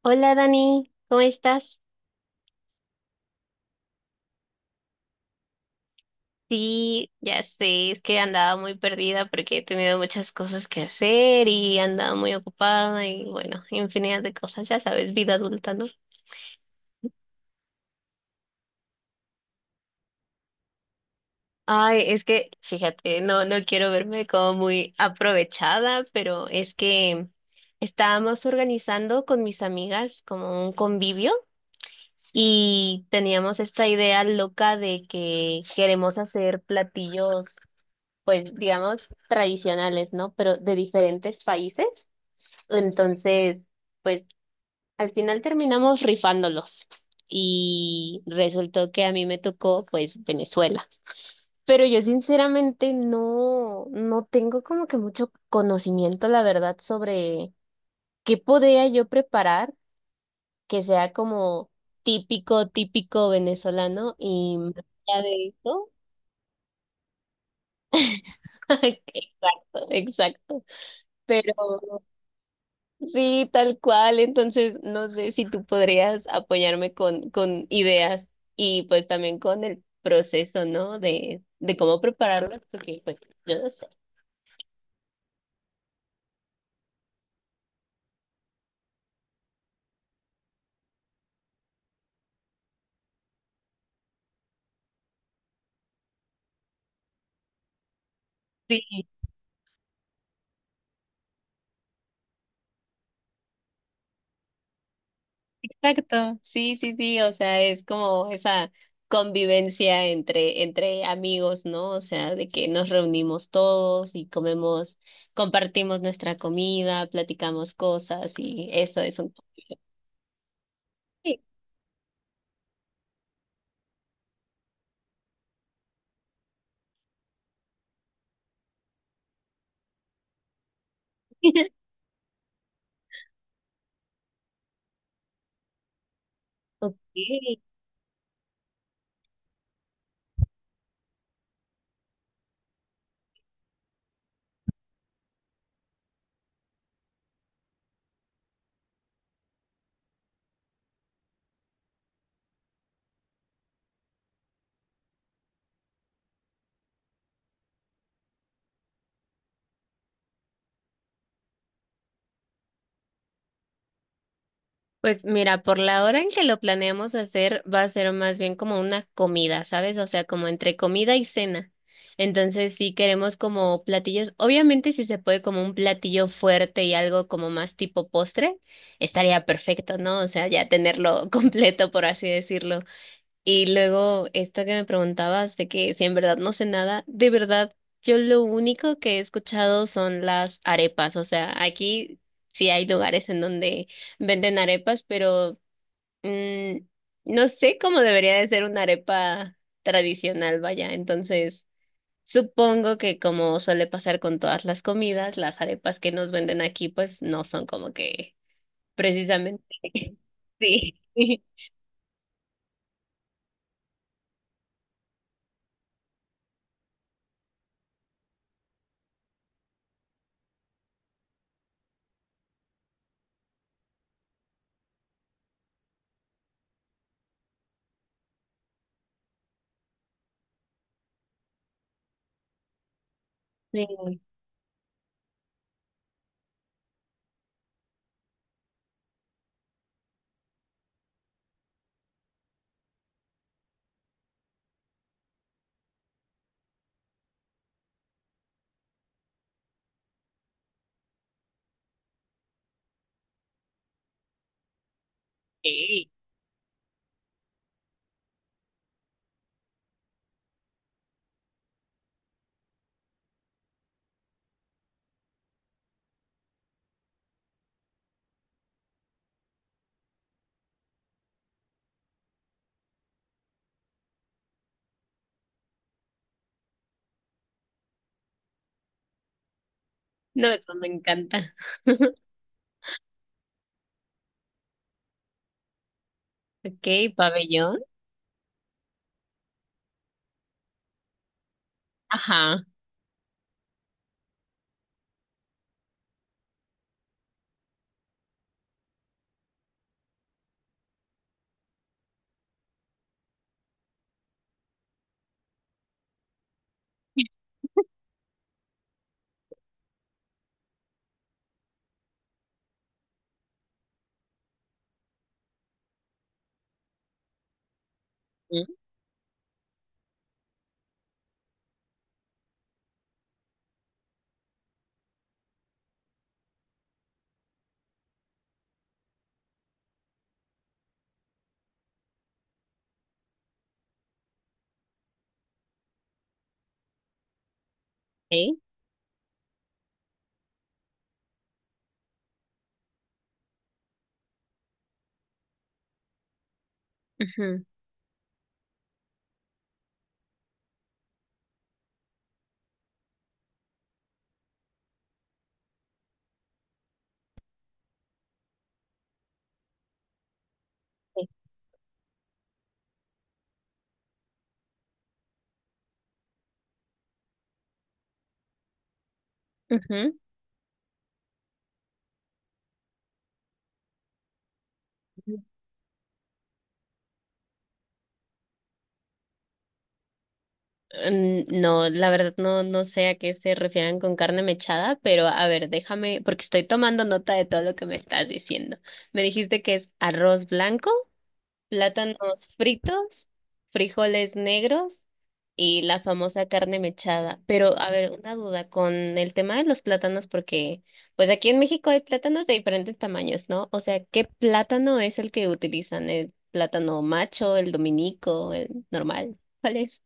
Hola Dani, ¿cómo estás? Sí, ya sé, es que andaba muy perdida porque he tenido muchas cosas que hacer y andaba muy ocupada y bueno, infinidad de cosas, ya sabes, vida adulta, ¿no? Ay, es que, fíjate, no, no quiero verme como muy aprovechada, pero es que estábamos organizando con mis amigas como un convivio y teníamos esta idea loca de que queremos hacer platillos pues digamos, tradicionales, ¿no? Pero de diferentes países. Entonces, pues al final terminamos rifándolos y resultó que a mí me tocó, pues, Venezuela. Pero yo sinceramente no, no tengo como que mucho conocimiento, la verdad, sobre qué podría yo preparar que sea como típico, típico venezolano y más allá de eso. Exacto, exacto. Pero sí, tal cual. Entonces, no sé si tú podrías apoyarme con ideas y pues también con el proceso, ¿no? De cómo prepararlos, porque pues yo no sé. Sí, exacto. Sí, sí, sí. O sea, es como esa convivencia entre amigos, ¿no? O sea, de que nos reunimos todos y comemos, compartimos nuestra comida, platicamos cosas y eso es un... Ok. Pues mira, por la hora en que lo planeamos hacer, va a ser más bien como una comida, ¿sabes? O sea, como entre comida y cena. Entonces, sí queremos como platillos, obviamente si se puede como un platillo fuerte y algo como más tipo postre, estaría perfecto, ¿no? O sea, ya tenerlo completo, por así decirlo. Y luego, esto que me preguntabas de que si en verdad no sé nada, de verdad, yo lo único que he escuchado son las arepas. O sea, aquí sí hay lugares en donde venden arepas, pero mm, no sé cómo debería de ser una arepa tradicional, vaya. Entonces, supongo que como suele pasar con todas las comidas, las arepas que nos venden aquí, pues no son como que precisamente. Sí. Sí. No, eso me encanta. Ok, pabellón. Ajá. Mm, ok, ujú, sí, ujú, ujú. Mm, no, la verdad no, no sé a qué se refieren con carne mechada, pero a ver, déjame, porque estoy tomando nota de todo lo que me estás diciendo. Me dijiste que es arroz blanco, plátanos fritos, frijoles negros y la famosa carne mechada. Pero, a ver, una duda con el tema de los plátanos, porque pues aquí en México hay plátanos de diferentes tamaños, ¿no? O sea, ¿qué plátano es el que utilizan? ¿El plátano macho, el dominico, el normal? ¿Cuál es?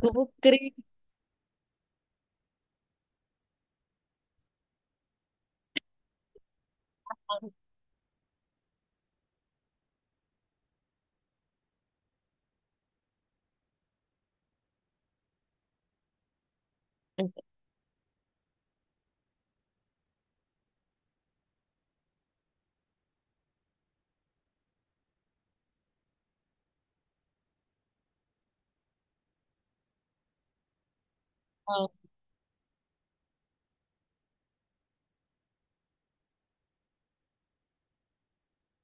¿Cómo crees? Wow.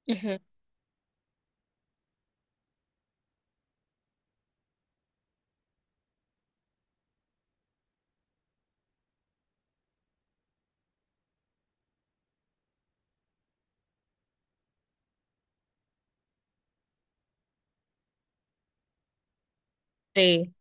Ujú. Sí.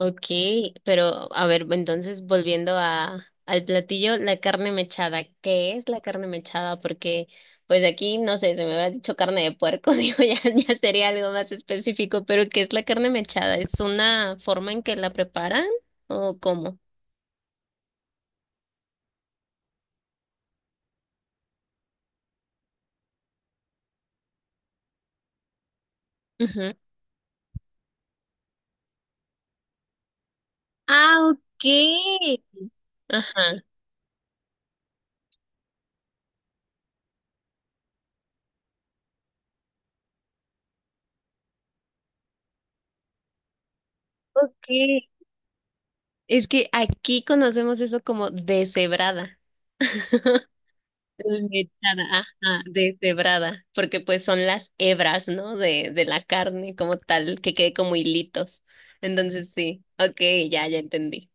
Okay, pero a ver, entonces volviendo a, al platillo, la carne mechada. ¿Qué es la carne mechada? Porque pues aquí, no sé, se me hubiera dicho carne de puerco, digo, ya, ya sería algo más específico, pero ¿qué es la carne mechada? ¿Es una forma en que la preparan o cómo? Ujú. Ah, okay. Ajá. Okay. Es que aquí conocemos eso como deshebrada. Limitada, ajá, deshebrada, porque pues son las hebras, ¿no? De la carne como tal, que quede como hilitos. Entonces sí, ok, ya, ya entendí.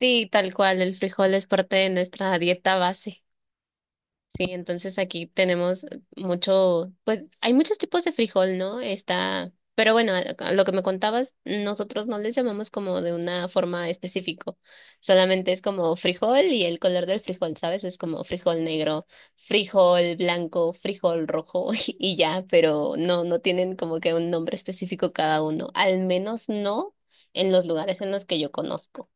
Sí, tal cual, el frijol es parte de nuestra dieta base. Sí, entonces aquí tenemos mucho, pues hay muchos tipos de frijol, ¿no? Está, pero bueno, a lo que me contabas, nosotros no les llamamos como de una forma específico, solamente es como frijol y el color del frijol, ¿sabes? Es como frijol negro, frijol blanco, frijol rojo y ya, pero no, no tienen como que un nombre específico cada uno, al menos no en los lugares en los que yo conozco.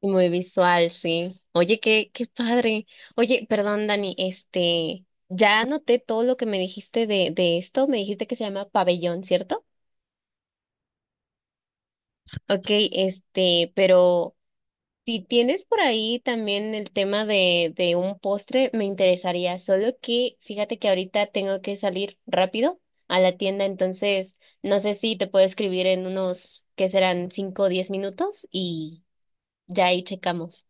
Y muy visual, sí. Oye, qué, qué padre. Oye, perdón, Dani, este, ya anoté todo lo que me dijiste de esto. Me dijiste que se llama pabellón, ¿cierto? Ok, este, pero si tienes por ahí también el tema de un postre, me interesaría. Solo que fíjate que ahorita tengo que salir rápido a la tienda, entonces no sé si te puedo escribir en unos, que serán 5 o 10 minutos y ya ahí checamos.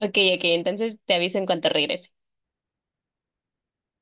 Ok, ok, entonces te aviso en cuanto regrese.